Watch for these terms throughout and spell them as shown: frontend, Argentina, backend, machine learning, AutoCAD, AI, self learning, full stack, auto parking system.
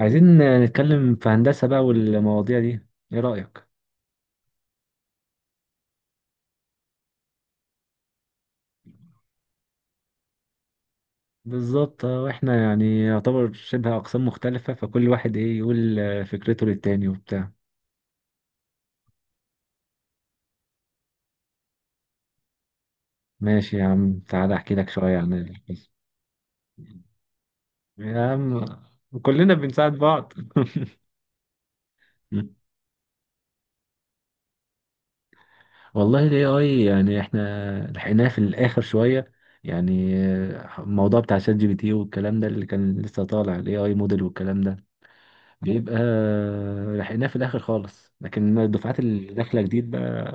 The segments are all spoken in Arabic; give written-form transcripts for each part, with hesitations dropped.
عايزين نتكلم في هندسة بقى والمواضيع دي، ايه رأيك؟ بالظبط. واحنا يعني يعتبر شبه أقسام مختلفة، فكل واحد ايه يقول فكرته للتاني وبتاع. ماشي يا عم، تعالى احكي لك شوية عن القسم. يا عم كلنا بنساعد بعض. مم. والله ال AI يعني احنا لحقناه في الآخر شوية، يعني الموضوع بتاع شات جي بي تي والكلام ده اللي كان لسه طالع، ال AI موديل والكلام ده بيبقى، لحقناه في الاخر خالص، لكن الدفعات اللي داخله جديد بقى.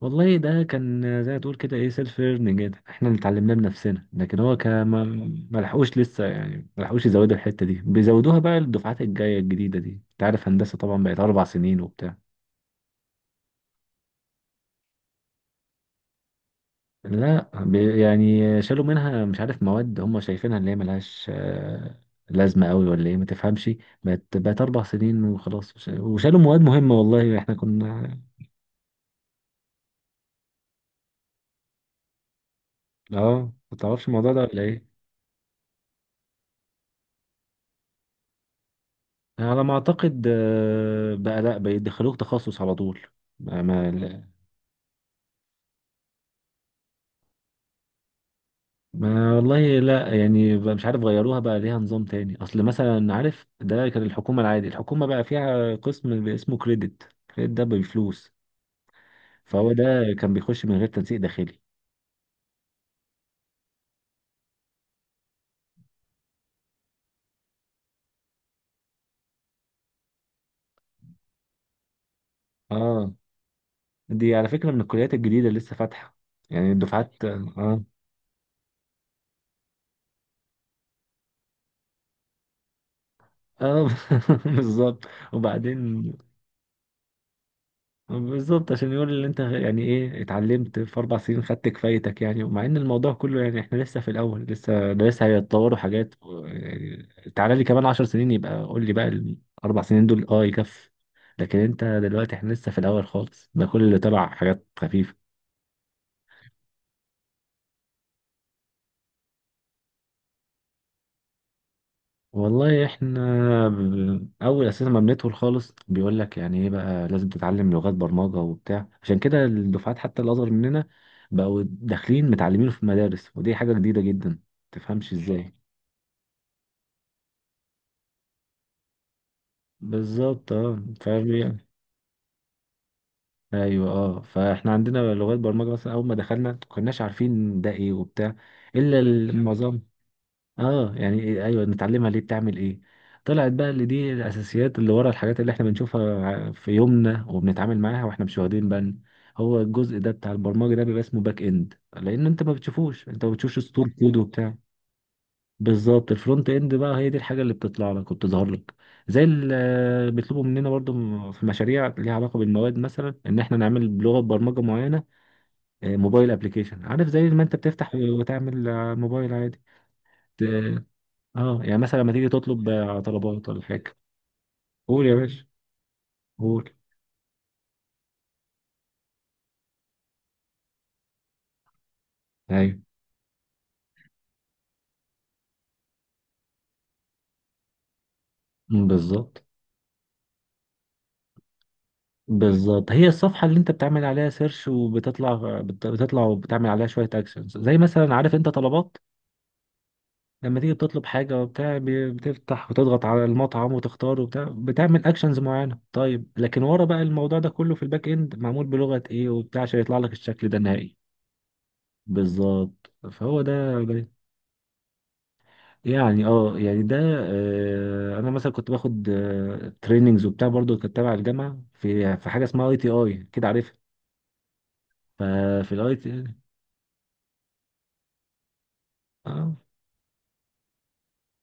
والله ده كان زي ما تقول كده ايه، سيلف ليرنينج كده، احنا اللي اتعلمناه بنفسنا، لكن هو كان ما لحقوش لسه، يعني ما لحقوش يزودوا الحته دي، بيزودوها بقى للدفعات الجايه الجديده دي. انت عارف هندسه طبعا بقت 4 سنين وبتاع. لا يعني شالوا منها مش عارف مواد هم شايفينها اللي هي ملهاش لازمه قوي ولا ايه، ما تفهمش. بقت 4 سنين وخلاص، وشالوا مواد مهمه، والله احنا كنا. اه، ما تعرفش الموضوع ده ولا ايه؟ على ما اعتقد بقى لا، بيدخلوك تخصص على طول. ما, ما, لا. ما والله لا، يعني بقى مش عارف غيروها بقى ليها نظام تاني. اصل مثلا عارف ده كان الحكومة العادي، الحكومة بقى فيها قسم اسمه كريدت، كريدت ده بفلوس، فهو ده كان بيخش من غير تنسيق داخلي. اه دي على فكرة من الكليات الجديدة اللي لسه فاتحة، يعني الدفعات اه. اه بالظبط. وبعدين بالظبط عشان يقول اللي انت يعني ايه اتعلمت في 4 سنين، خدت كفايتك يعني. ومع ان الموضوع كله يعني احنا لسه في الاول، لسه ده لسه هيتطوروا حاجات يعني تعالى لي كمان 10 سنين يبقى قول لي بقى ال4 سنين دول اه يكفي. لكن انت دلوقتي احنا لسه في الاول خالص، ده كل اللي تبع حاجات خفيفة. والله احنا اول اساسا ما بندخل خالص بيقول لك يعني ايه، بقى لازم تتعلم لغات برمجه وبتاع، عشان كده الدفعات حتى اللي اصغر مننا بقوا داخلين متعلمين في مدارس، ودي حاجه جديده جدا تفهمش ازاي. بالظبط اه فاهم. ايوه اه، فاحنا عندنا لغات برمجه، مثلا اول ما دخلنا ما كناش عارفين ده ايه وبتاع، الا المعظم. اه يعني إيه، ايوه نتعلمها ليه، بتعمل ايه. طلعت بقى اللي دي الاساسيات اللي ورا الحاجات اللي احنا بنشوفها في يومنا وبنتعامل معاها واحنا مش واخدين بالنا. هو الجزء ده بتاع البرمجه ده بيبقى اسمه باك اند، لان انت ما بتشوفوش، انت ما بتشوفش سطور كود وبتاع. بالظبط، الفرونت اند بقى هي دي الحاجه اللي بتطلع لك وبتظهر لك. زي اللي بيطلبوا مننا برضو في مشاريع ليها علاقه بالمواد، مثلا ان احنا نعمل بلغه برمجه معينه موبايل ابلكيشن، عارف زي ما انت بتفتح وتعمل موبايل عادي. اه يعني مثلا لما تيجي تطلب طلبات ولا حاجه. قول يا باشا، قول. ايوه. مم، بالظبط. بالظبط هي الصفحه اللي انت بتعمل عليها سيرش وبتطلع، بتطلع وبتعمل عليها شويه اكشنز، زي مثلا عارف انت طلبات لما تيجي بتطلب حاجه وبتاع، بتفتح وتضغط على المطعم وتختار وبتاع، بتعمل اكشنز معينه. طيب لكن ورا بقى الموضوع ده كله في الباك اند، معمول بلغه ايه وبتاع عشان يطلع لك الشكل ده النهائي. بالظبط فهو ده. يعني اه، يعني ده آه انا مثلا كنت باخد تريننجز وبتاع، برضو كنت تبع الجامعه في حاجه اسمها اي تي اي كده، عارفها؟ ففي الاي تي، اه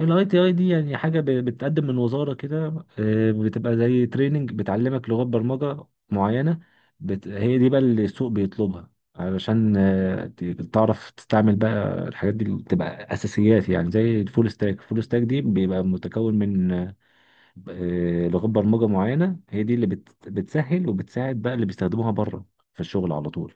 الاي تي اي دي يعني حاجه بتقدم من وزاره كده، آه بتبقى زي تريننج بتعلمك لغات برمجه معينه، بت... هي دي بقى اللي السوق بيطلبها، علشان آه تعرف تستعمل بقى الحاجات دي اللي بتبقى اساسيات، يعني زي الفول ستاك، الفول ستاك دي بيبقى متكون من لغات برمجة معينة، هي دي اللي بت... بتسهل وبتساعد بقى اللي بيستخدموها بره في الشغل على طول.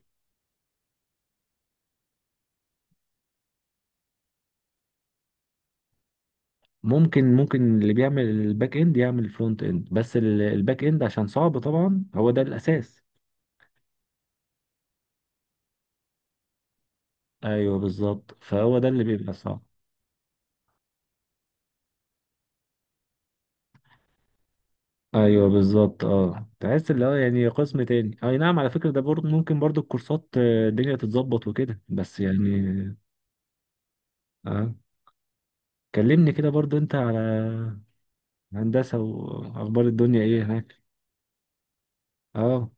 ممكن اللي بيعمل الباك اند يعمل الفرونت اند، بس الباك اند عشان صعب طبعا، هو ده الأساس. ايوه بالظبط، فهو ده اللي بيبقى صعب. ايوه بالظبط، اه تحس اللي هو يعني قسم تاني. اي نعم، على فكرة ده برضه ممكن برضه الكورسات الدنيا تتظبط وكده، بس يعني اه. كلمني كده برضه انت على هندسة، واخبار الدنيا ايه هناك؟ اه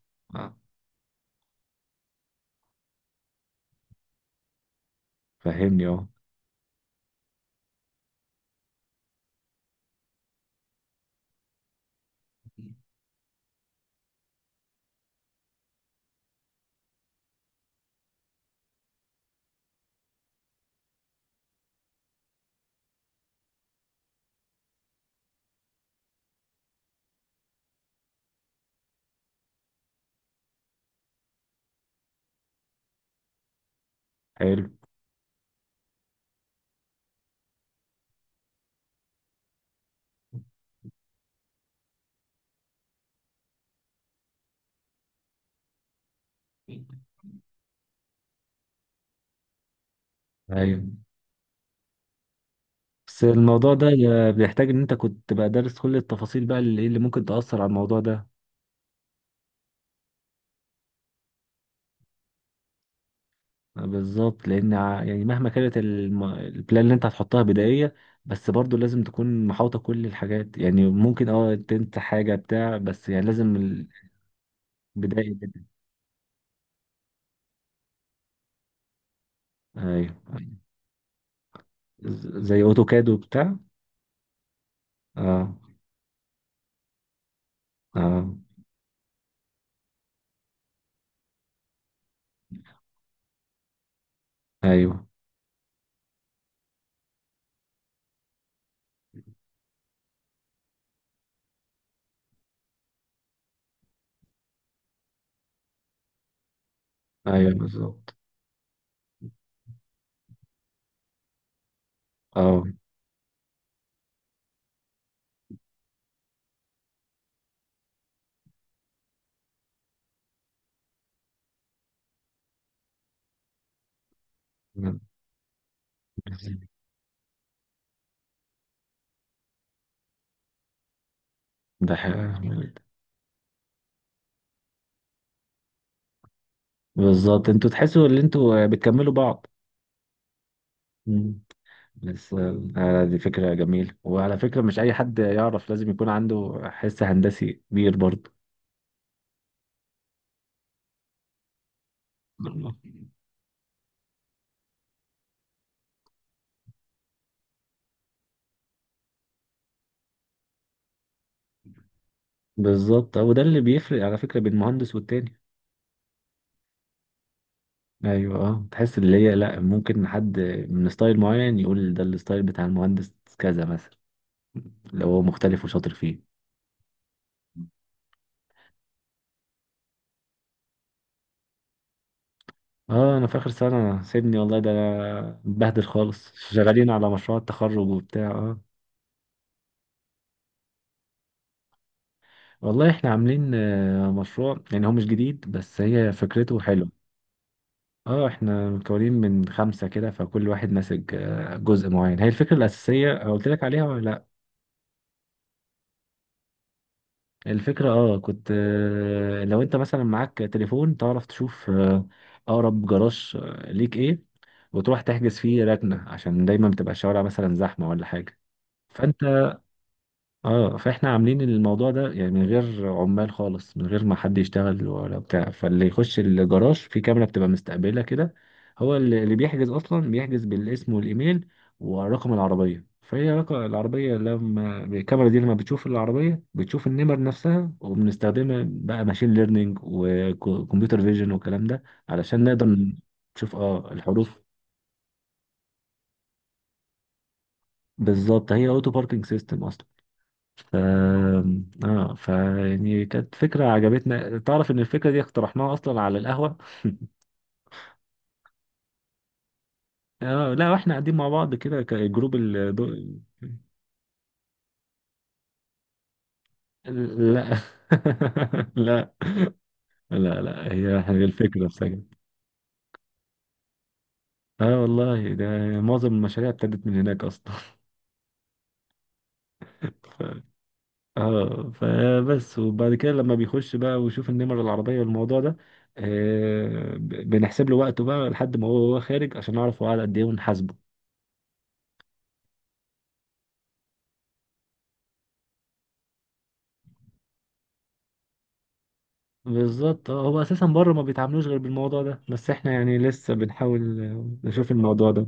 فهمني اه. حلو، ايوه. بس الموضوع ده بيحتاج ان انت كنت بقى دارس كل التفاصيل بقى اللي إيه اللي ممكن تأثر على الموضوع ده. بالظبط، لان يعني مهما كانت البلان اللي انت هتحطها بدائية، بس برضو لازم تكون محاوطة كل الحاجات، يعني ممكن اه تنسى حاجة بتاع بس يعني لازم. البداية جدا. ايوه. زي اوتوكاد وبتاع. اه اه. ايوه. ايوه بالظبط اه. ده حقيقي، بالظبط انتوا تحسوا ان انتوا بتكملوا بعض. مم. بس دي فكرة جميلة، وعلى فكرة مش أي حد يعرف، لازم يكون عنده حس هندسي كبير برضه. بالظبط وده اللي بيفرق على فكرة بين مهندس والتاني. أيوه أه، تحس اللي هي لأ ممكن حد من ستايل معين يقول ده الستايل بتاع المهندس كذا مثلا، لو هو مختلف وشاطر فيه. اه انا في اخر سنه سيبني، والله ده انا مبهدل خالص، شغالين على مشروع التخرج وبتاع اه. والله احنا عاملين مشروع، يعني هو مش جديد بس هي فكرته حلوه. اه احنا مكونين من 5 كده، فكل واحد ماسك جزء معين. هي الفكرة الأساسية قلت لك عليها ولا لا؟ الفكرة اه كنت لو انت مثلا معاك تليفون تعرف تشوف أقرب جراج ليك ايه، وتروح تحجز فيه ركنة، عشان دايما بتبقى الشوارع مثلا زحمة ولا حاجة. فانت اه، فاحنا عاملين الموضوع ده يعني من غير عمال خالص، من غير ما حد يشتغل ولا بتاع. فاللي يخش الجراج في كاميرا بتبقى مستقبله كده، هو اللي بيحجز اصلا بيحجز بالاسم والايميل ورقم العربيه. فهي رقم العربيه لما الكاميرا دي لما بتشوف العربيه بتشوف النمر نفسها، وبنستخدمها بقى ماشين ليرنينج وكمبيوتر فيجن والكلام ده، علشان نقدر نشوف اه الحروف. بالظبط، هي اوتو باركينج سيستم اصلا. ف، اه فيعني كانت فكرة عجبتنا، تعرف ان الفكرة دي اقترحناها اصلا على القهوة. اه لا واحنا قاعدين مع بعض كده كجروب، لا لا، لا لا، هي هي الفكرة في سجن. اه والله ده معظم المشاريع ابتدت من هناك اصلا. ف... اه فبس. وبعد كده لما بيخش بقى ويشوف النمر العربية والموضوع ده، آه بنحسب له وقته بقى لحد ما هو خارج، عشان نعرف هو قعد قد ايه ونحاسبه. بالظبط هو اساسا بره ما بيتعاملوش غير بالموضوع ده، بس احنا يعني لسه بنحاول نشوف الموضوع ده.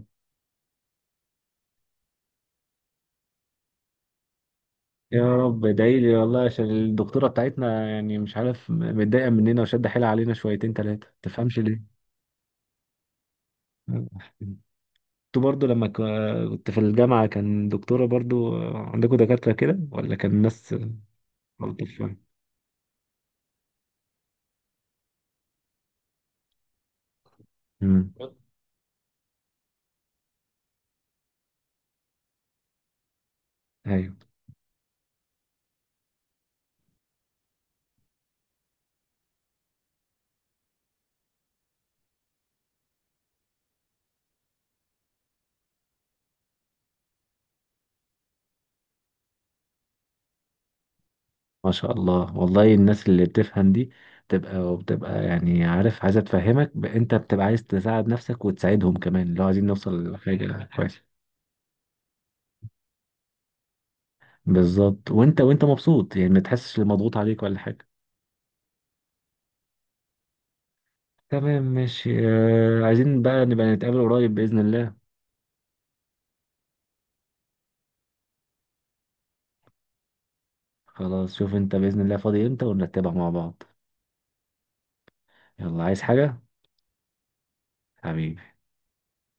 يا رب، ادعي لي والله، عشان الدكتوره بتاعتنا يعني مش عارف متضايقه مننا وشاده حيلها علينا شويتين ثلاثه تفهمش ليه. انتوا برضو لما كنت في الجامعه كان دكتوره برضو عندكم دكاتره كده ولا كان ناس ملطف شويه؟ امم. ايوه ما شاء الله، والله الناس اللي بتفهم دي بتبقى يعني عارف عايزة تفهمك، انت بتبقى عايز تساعد نفسك وتساعدهم كمان، اللي هو عايزين نوصل لحاجة كويسة. بالظبط، وانت مبسوط يعني ما تحسش اللي مضغوط عليك ولا حاجة. تمام ماشي، عايزين بقى نبقى نتقابل قريب بإذن الله. خلاص شوف انت بإذن الله فاضي امتى ونرتبها مع بعض. يلا، عايز حاجة؟ حبيبي.